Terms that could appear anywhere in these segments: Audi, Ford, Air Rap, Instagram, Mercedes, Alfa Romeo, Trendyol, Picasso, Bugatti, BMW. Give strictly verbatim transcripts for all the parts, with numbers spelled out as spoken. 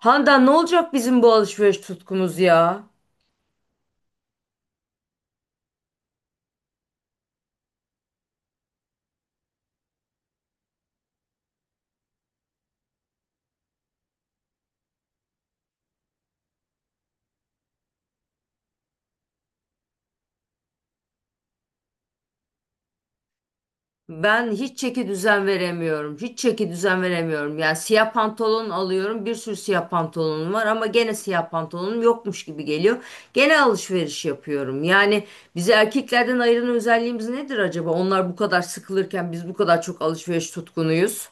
Handan, ne olacak bizim bu alışveriş tutkumuz ya? Ben hiç çeki düzen veremiyorum. Hiç çeki düzen veremiyorum. Yani siyah pantolon alıyorum. Bir sürü siyah pantolonum var ama gene siyah pantolonum yokmuş gibi geliyor. Gene alışveriş yapıyorum. Yani bizi erkeklerden ayıran özelliğimiz nedir acaba? Onlar bu kadar sıkılırken biz bu kadar çok alışveriş tutkunuyuz.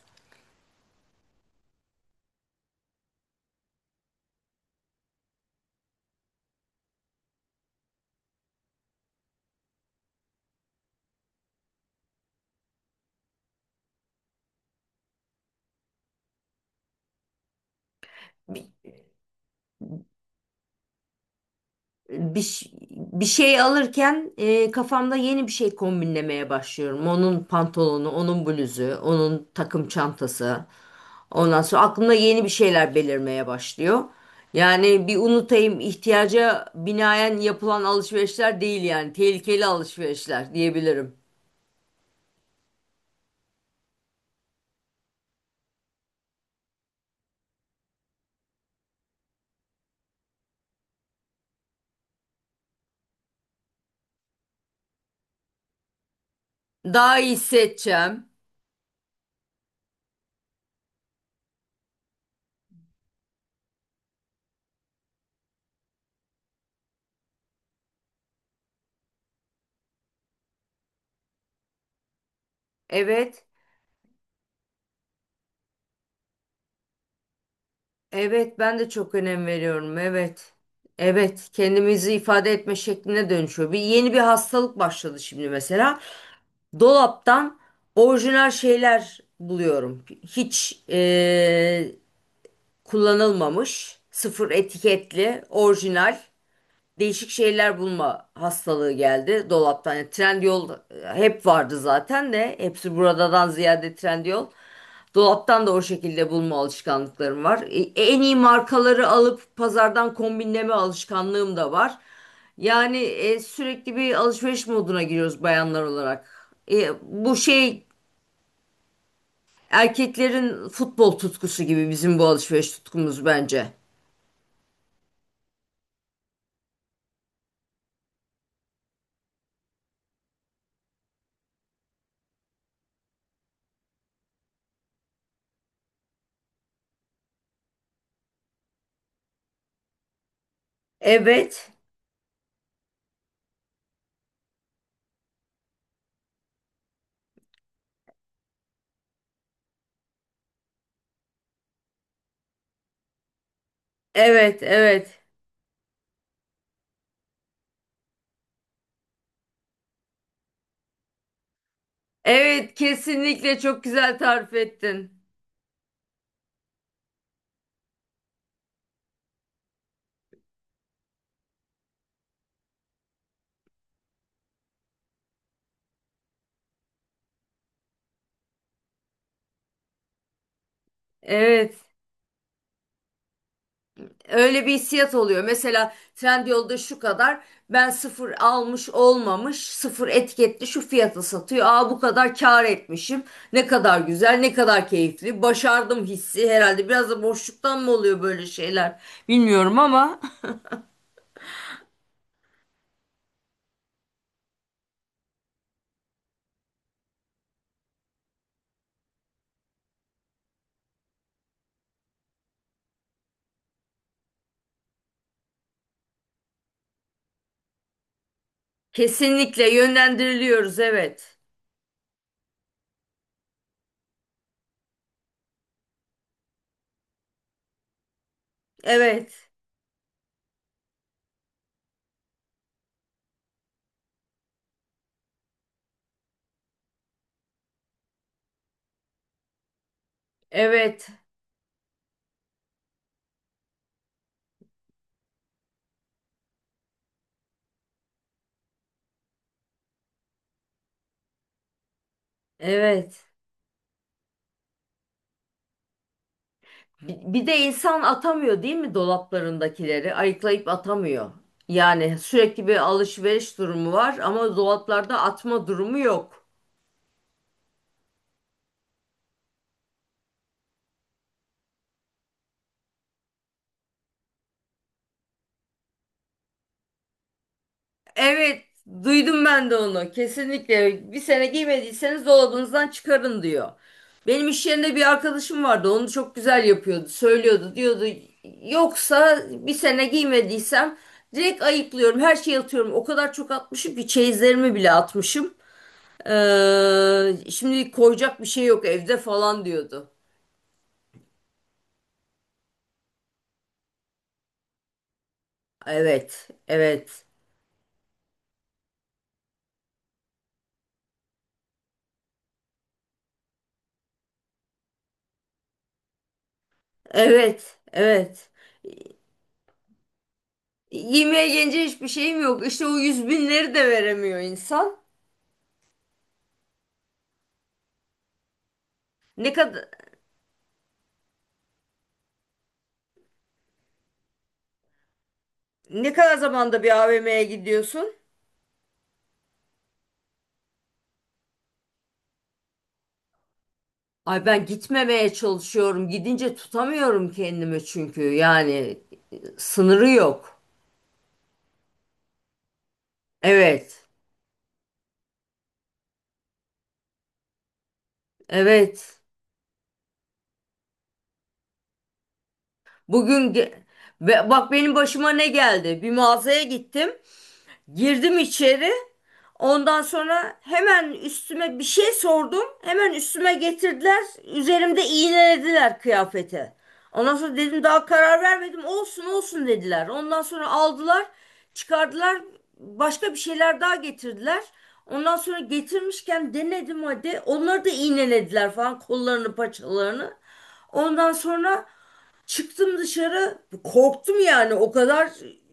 bir, Bir şey alırken e, kafamda yeni bir şey kombinlemeye başlıyorum. Onun pantolonu, onun bluzu, onun takım çantası. Ondan sonra aklımda yeni bir şeyler belirmeye başlıyor. Yani bir unutayım, ihtiyaca binaen yapılan alışverişler değil, yani tehlikeli alışverişler diyebilirim. Daha iyi hissedeceğim. Evet. Evet, ben de çok önem veriyorum. Evet. Evet, kendimizi ifade etme şekline dönüşüyor. Bir yeni bir hastalık başladı şimdi mesela. Dolaptan orijinal şeyler buluyorum. Hiç eee, Kullanılmamış, sıfır etiketli, orijinal değişik şeyler bulma hastalığı geldi dolaptan. Yani Trendyol e, hep vardı zaten de hepsi buradadan ziyade Trendyol. Dolaptan da o şekilde bulma alışkanlıklarım var. E, En iyi markaları alıp pazardan kombinleme alışkanlığım da var. Yani e, sürekli bir alışveriş moduna giriyoruz bayanlar olarak. E, bu şey, erkeklerin futbol tutkusu gibi bizim bu alışveriş tutkumuz bence. Evet, evet, evet. Evet, kesinlikle çok güzel tarif ettin. Evet, öyle bir hissiyat oluyor. Mesela Trendyol'da şu kadar, ben sıfır almış olmamış, sıfır etiketli şu fiyata satıyor. Aa bu kadar kâr etmişim. Ne kadar güzel, ne kadar keyifli. Başardım hissi herhalde. Biraz da boşluktan mı oluyor böyle şeyler? Bilmiyorum ama kesinlikle yönlendiriliyoruz. Evet. Evet. Evet. Evet. Bir de insan atamıyor değil mi dolaplarındakileri? Ayıklayıp atamıyor. Yani sürekli bir alışveriş durumu var ama dolaplarda atma durumu yok. Evet, duydum ben de onu. Kesinlikle bir sene giymediyseniz dolabınızdan çıkarın diyor. Benim iş yerinde bir arkadaşım vardı. Onu çok güzel yapıyordu. Söylüyordu, diyordu. Yoksa bir sene giymediysem direkt ayıklıyorum. Her şeyi atıyorum. O kadar çok atmışım ki çeyizlerimi bile atmışım. Ee, şimdi koyacak bir şey yok evde falan diyordu. Evet, evet, evet, evet. Yemeğe gelince hiçbir şeyim yok. İşte o yüz binleri de veremiyor insan. Ne kadar ne kadar zamanda bir A V M'ye gidiyorsun? Ay ben gitmemeye çalışıyorum. Gidince tutamıyorum kendimi çünkü. Yani sınırı yok. Evet, evet. Bugün ge- Be- bak benim başıma ne geldi? Bir mağazaya gittim. Girdim içeri. Ondan sonra hemen üstüme bir şey sordum. Hemen üstüme getirdiler. Üzerimde iğnelediler kıyafeti. Ondan sonra dedim daha karar vermedim. Olsun olsun dediler. Ondan sonra aldılar, çıkardılar. Başka bir şeyler daha getirdiler. Ondan sonra getirmişken denedim hadi. Onları da iğnelediler falan, kollarını, paçalarını. Ondan sonra çıktım dışarı, korktum yani, o kadar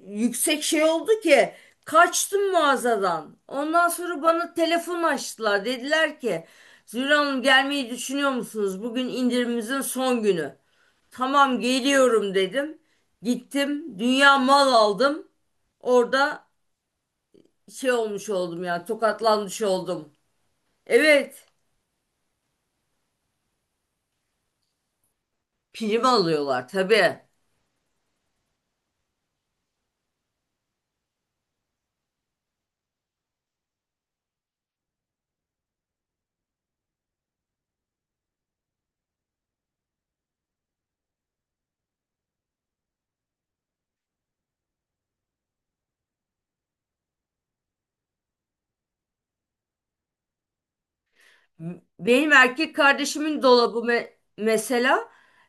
yüksek şey oldu ki kaçtım mağazadan. Ondan sonra bana telefon açtılar, dediler ki Zühre Hanım gelmeyi düşünüyor musunuz? Bugün indirimimizin son günü. Tamam geliyorum dedim. Gittim dünya mal aldım. Orada şey olmuş oldum, yani tokatlanmış oldum. Evet, prim alıyorlar tabii. Benim erkek kardeşimin dolabı me- mesela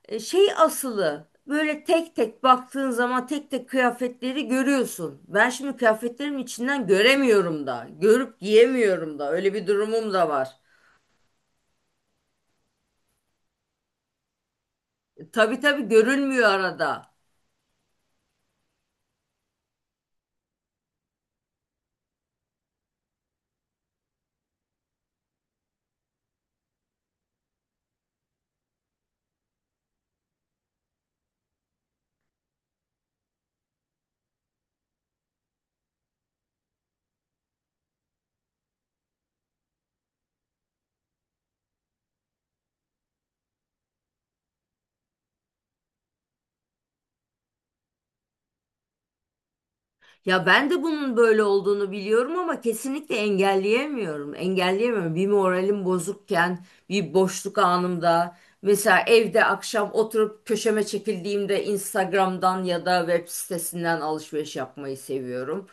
e, şey asılı. Böyle tek tek baktığın zaman tek tek kıyafetleri görüyorsun. Ben şimdi kıyafetlerimin içinden göremiyorum da. Görüp giyemiyorum da. Öyle bir durumum da var. E, Tabii tabii görünmüyor arada. Ya ben de bunun böyle olduğunu biliyorum ama kesinlikle engelleyemiyorum. Engelleyemiyorum. Bir moralim bozukken, bir boşluk anımda, mesela evde akşam oturup köşeme çekildiğimde Instagram'dan ya da web sitesinden alışveriş yapmayı seviyorum.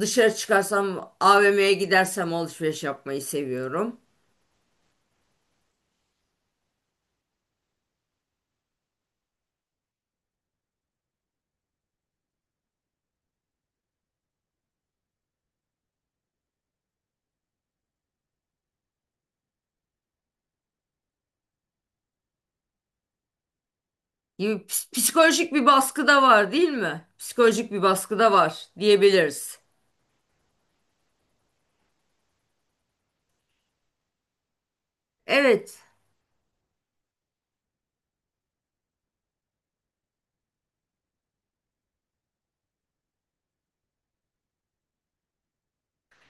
Dışarı çıkarsam, A V M'ye gidersem alışveriş yapmayı seviyorum. Gibi ps- psikolojik bir baskı da var, değil mi? Psikolojik bir baskı da var diyebiliriz. Evet.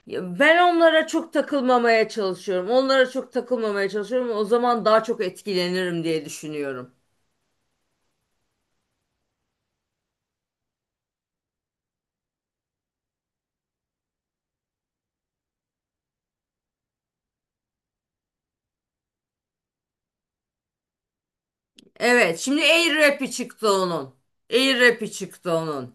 Ya ben onlara çok takılmamaya çalışıyorum. Onlara çok takılmamaya çalışıyorum. O zaman daha çok etkilenirim diye düşünüyorum. Evet, şimdi Air Rap'i çıktı onun. Air Rap'i çıktı onun.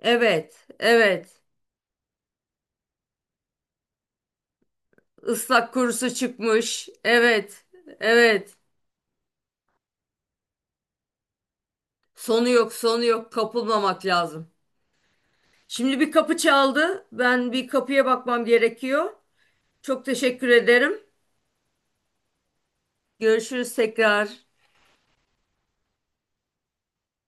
Evet, evet. Islak kurusu çıkmış. Evet, evet. Sonu yok, sonu yok. Kapılmamak lazım. Şimdi bir kapı çaldı. Ben bir kapıya bakmam gerekiyor. Çok teşekkür ederim. Görüşürüz tekrar.